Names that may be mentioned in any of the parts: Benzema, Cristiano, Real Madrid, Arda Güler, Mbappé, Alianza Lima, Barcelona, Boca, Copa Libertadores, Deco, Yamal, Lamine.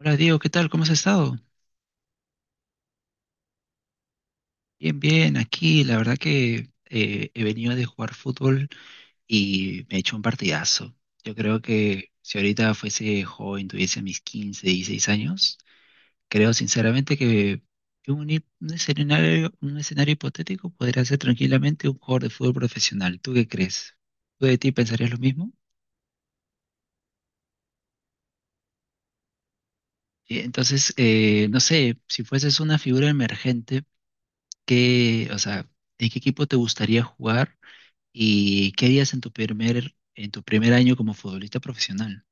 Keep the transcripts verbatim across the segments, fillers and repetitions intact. Hola Diego, ¿qué tal? ¿Cómo has estado? Bien, bien, aquí la verdad que eh, he venido de jugar fútbol y me he hecho un partidazo. Yo creo que si ahorita fuese joven, tuviese mis quince, dieciséis años, creo sinceramente que que un, hi- un escenario, un escenario hipotético podría ser tranquilamente un jugador de fútbol profesional. ¿Tú qué crees? ¿Tú de ti pensarías lo mismo? Y Entonces, eh, no sé, si fueses una figura emergente, ¿qué, o sea, ¿en qué equipo te gustaría jugar? ¿Y qué harías en tu primer, en tu primer año como futbolista profesional?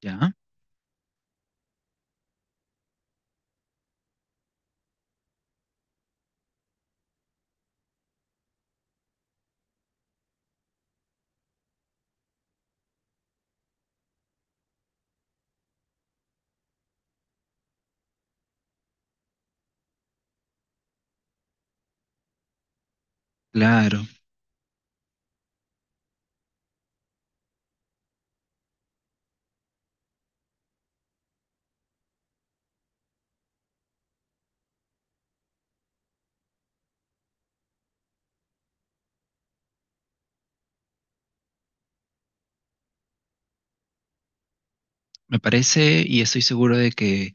¿Ya? Claro, me parece y estoy seguro de que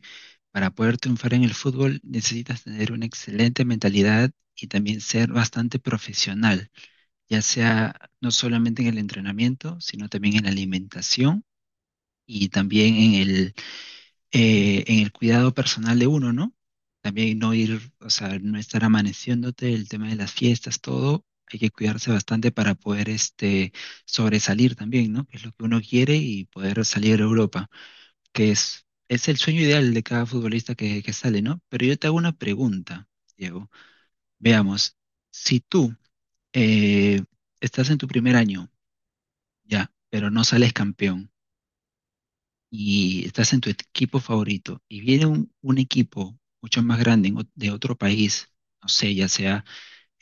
para poder triunfar en el fútbol necesitas tener una excelente mentalidad y también ser bastante profesional, ya sea no solamente en el entrenamiento, sino también en la alimentación y también en el, eh, en el cuidado personal de uno, ¿no? También no ir, o sea, no estar amaneciéndote, el tema de las fiestas, todo, hay que cuidarse bastante para poder este, sobresalir también, ¿no? Que es lo que uno quiere y poder salir a Europa, que es, es el sueño ideal de cada futbolista que, que sale, ¿no? Pero yo te hago una pregunta, Diego. Veamos, si tú eh, estás en tu primer año, ya, pero no sales campeón, y estás en tu equipo favorito y viene un, un equipo mucho más grande en ot- de otro país, no sé, ya sea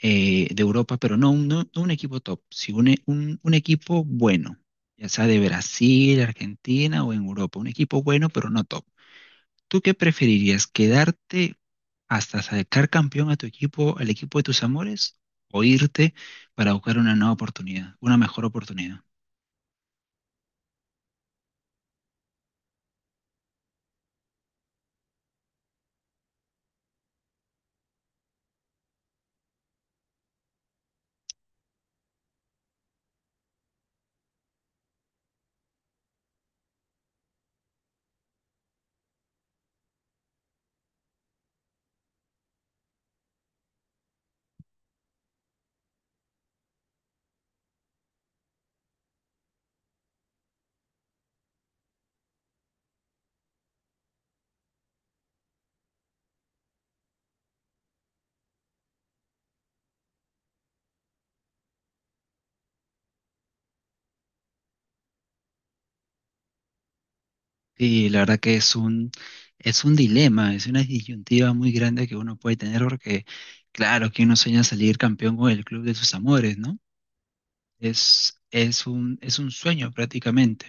eh, de Europa, pero no, un- no, no un equipo top, sino un, e- un, un equipo bueno, ya sea de Brasil, Argentina o en Europa, un equipo bueno pero no top. ¿Tú qué preferirías? ¿Quedarte hasta sacar campeón a tu equipo, al equipo de tus amores, o irte para buscar una nueva oportunidad, una mejor oportunidad? Y la verdad que es un, es un dilema, es una disyuntiva muy grande que uno puede tener porque, claro, que uno sueña salir campeón con el club de sus amores, ¿no? Es, es un, es un sueño prácticamente.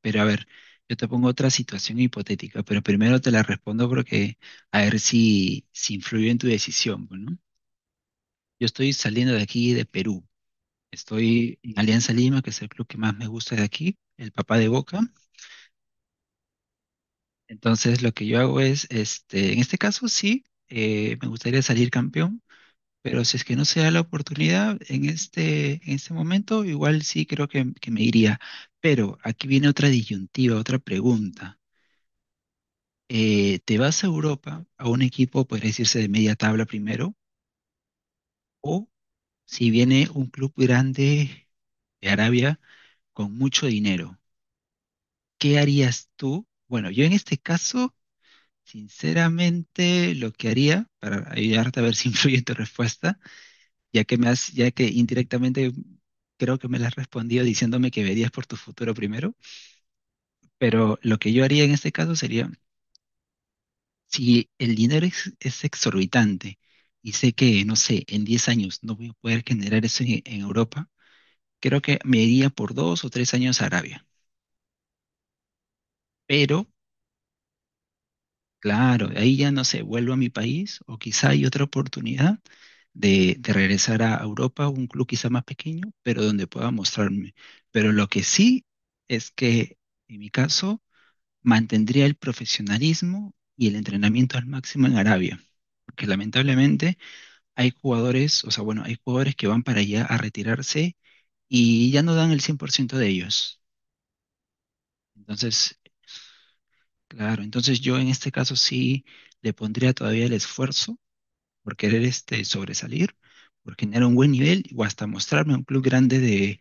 Pero a ver, yo te pongo otra situación hipotética, pero primero te la respondo porque a ver si, si influye en tu decisión, pues, ¿no? Yo estoy saliendo de aquí de Perú. Estoy en Alianza Lima, que es el club que más me gusta de aquí, el papá de Boca. Entonces lo que yo hago es, este, en este caso sí, eh, me gustaría salir campeón, pero si es que no se da la oportunidad en este, en este momento, igual sí creo que, que me iría. Pero aquí viene otra disyuntiva, otra pregunta. Eh, ¿te vas a Europa a un equipo, podría decirse, de media tabla primero? O si viene un club grande de Arabia con mucho dinero, ¿qué harías tú? Bueno, yo en este caso... Sinceramente, lo que haría, para ayudarte a ver si influye en tu respuesta, ya que me has, ya que indirectamente creo que me la has respondido diciéndome que verías por tu futuro primero, pero lo que yo haría en este caso sería, si el dinero es, es exorbitante y sé que, no sé, en diez años no voy a poder generar eso en, en Europa, creo que me iría por dos o tres años a Arabia. Pero, claro, de ahí ya no sé, vuelvo a mi país o quizá hay otra oportunidad de, de regresar a Europa, un club quizá más pequeño, pero donde pueda mostrarme. Pero lo que sí es que, en mi caso, mantendría el profesionalismo y el entrenamiento al máximo en Arabia. Porque lamentablemente hay jugadores, o sea, bueno, hay jugadores que van para allá a retirarse y ya no dan el cien por ciento de ellos. Entonces, claro, entonces yo en este caso sí le pondría todavía el esfuerzo por querer este, sobresalir, por generar un buen nivel o hasta mostrarme a un club grande de,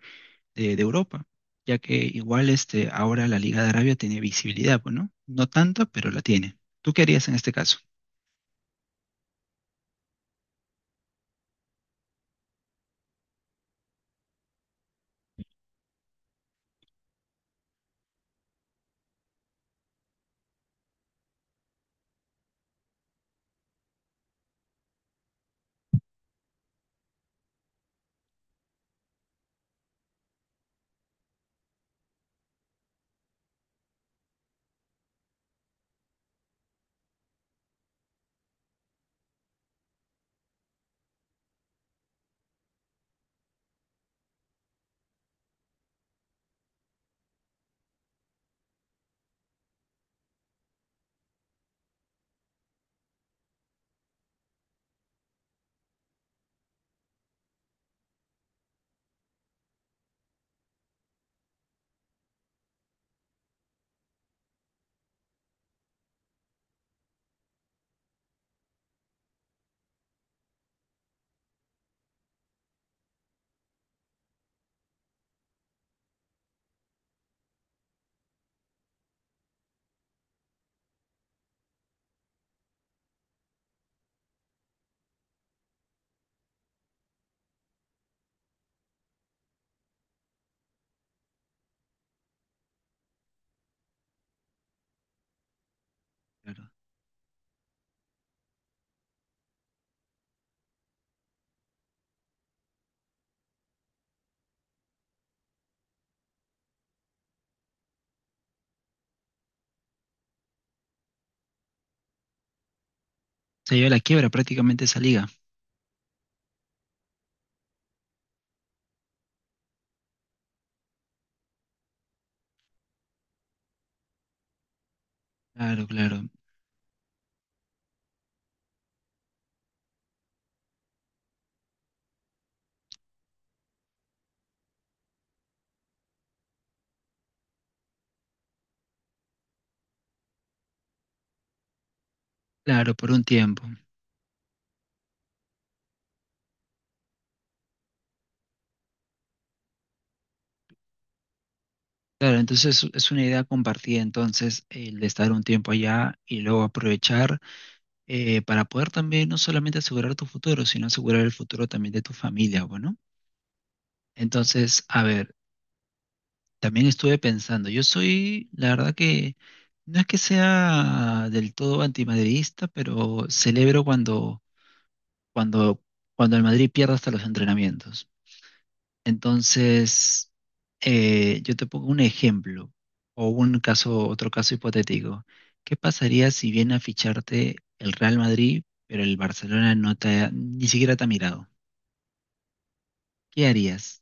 de- de Europa, ya que igual este, ahora la Liga de Arabia tiene visibilidad, pues, ¿no? No tanta, pero la tiene. ¿Tú qué harías en este caso? Claro. Se lleva la quiebra prácticamente esa liga. Claro, claro, claro, por un tiempo. Claro, entonces es una idea compartida, entonces, el de estar un tiempo allá y luego aprovechar eh, para poder también no solamente asegurar tu futuro, sino asegurar el futuro también de tu familia, bueno. Entonces, a ver, también estuve pensando, yo soy, la verdad que no es que sea del todo antimadridista, pero celebro cuando, cuando, cuando el Madrid pierde hasta los entrenamientos. Entonces, eh, yo te pongo un ejemplo o un caso, otro caso hipotético. ¿Qué pasaría si viene a ficharte el Real Madrid, pero el Barcelona no te ha- ni siquiera te ha mirado? ¿Qué harías?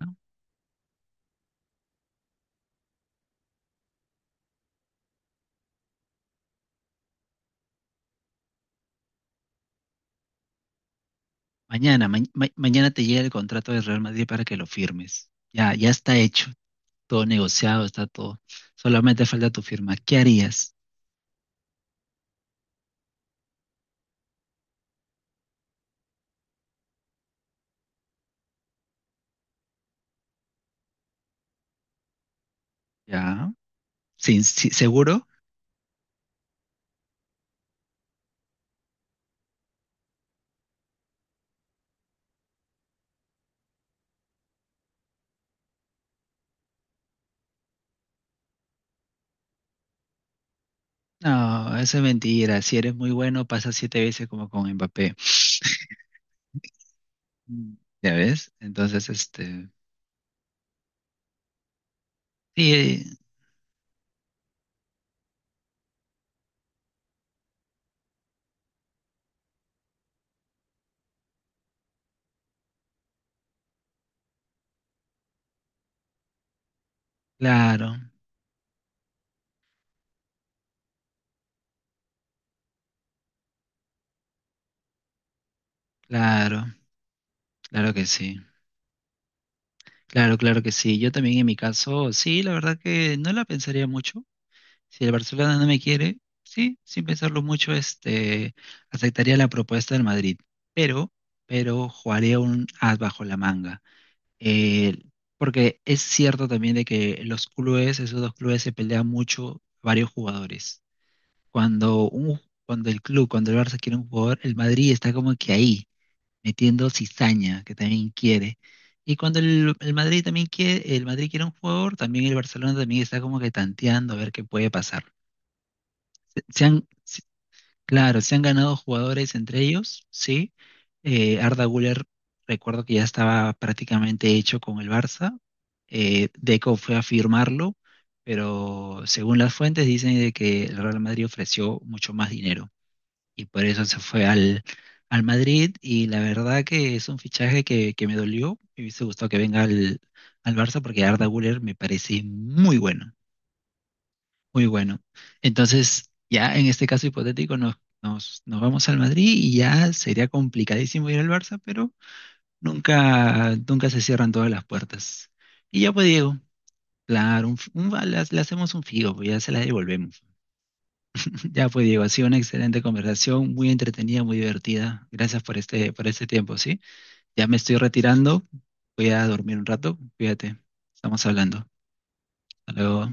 ¿No? Mañana, ma- ma- mañana te llega el contrato del Real Madrid para que lo firmes. Ya, ya está hecho. Todo negociado, está todo. Solamente falta tu firma. ¿Qué harías? ¿Ya? ¿Sin, si- seguro? No, eso es mentira. Si eres muy bueno, pasa siete veces como con Mbappé. Mm. ¿Ya ves? Entonces, este, sí, claro, claro, claro que sí. Claro, claro que sí. Yo también en mi caso, sí, la verdad que no la pensaría mucho. Si el Barcelona no me quiere, sí, sin pensarlo mucho, este, aceptaría la propuesta del Madrid, pero, pero jugaría un as bajo la manga. Eh, Porque es cierto también de que los clubes, esos dos clubes se pelean mucho varios jugadores. Cuando un, cuando el club, cuando el Barça quiere un jugador, el Madrid está como que ahí, metiendo cizaña, que también quiere. Y cuando el, el Madrid también quiere, el Madrid quiere un jugador, también el Barcelona también está como que tanteando a ver qué puede pasar se han, se- claro, se han ganado jugadores entre ellos, sí. Eh, Arda Güler, recuerdo que ya estaba prácticamente hecho con el Barça. Eh, Deco fue a firmarlo, pero según las fuentes dicen de que el Real Madrid ofreció mucho más dinero y por eso se fue al, al Madrid y la verdad que es un fichaje que, que me dolió. Me hubiese gustado que venga al, al Barça porque Arda Güler me parece muy bueno. Muy bueno. Entonces, ya en este caso hipotético, nos, nos, nos vamos al Madrid y ya sería complicadísimo ir al Barça, pero nunca, nunca se cierran todas las puertas. Y ya pues Diego, claro, un f- un- le, ha- le hacemos un figo, pues ya se la devolvemos. Ya pues Diego, ha sido una excelente conversación, muy entretenida, muy divertida. Gracias por este, por este tiempo, ¿sí? Ya me estoy retirando, voy a dormir un rato, cuídate, estamos hablando. Hasta luego.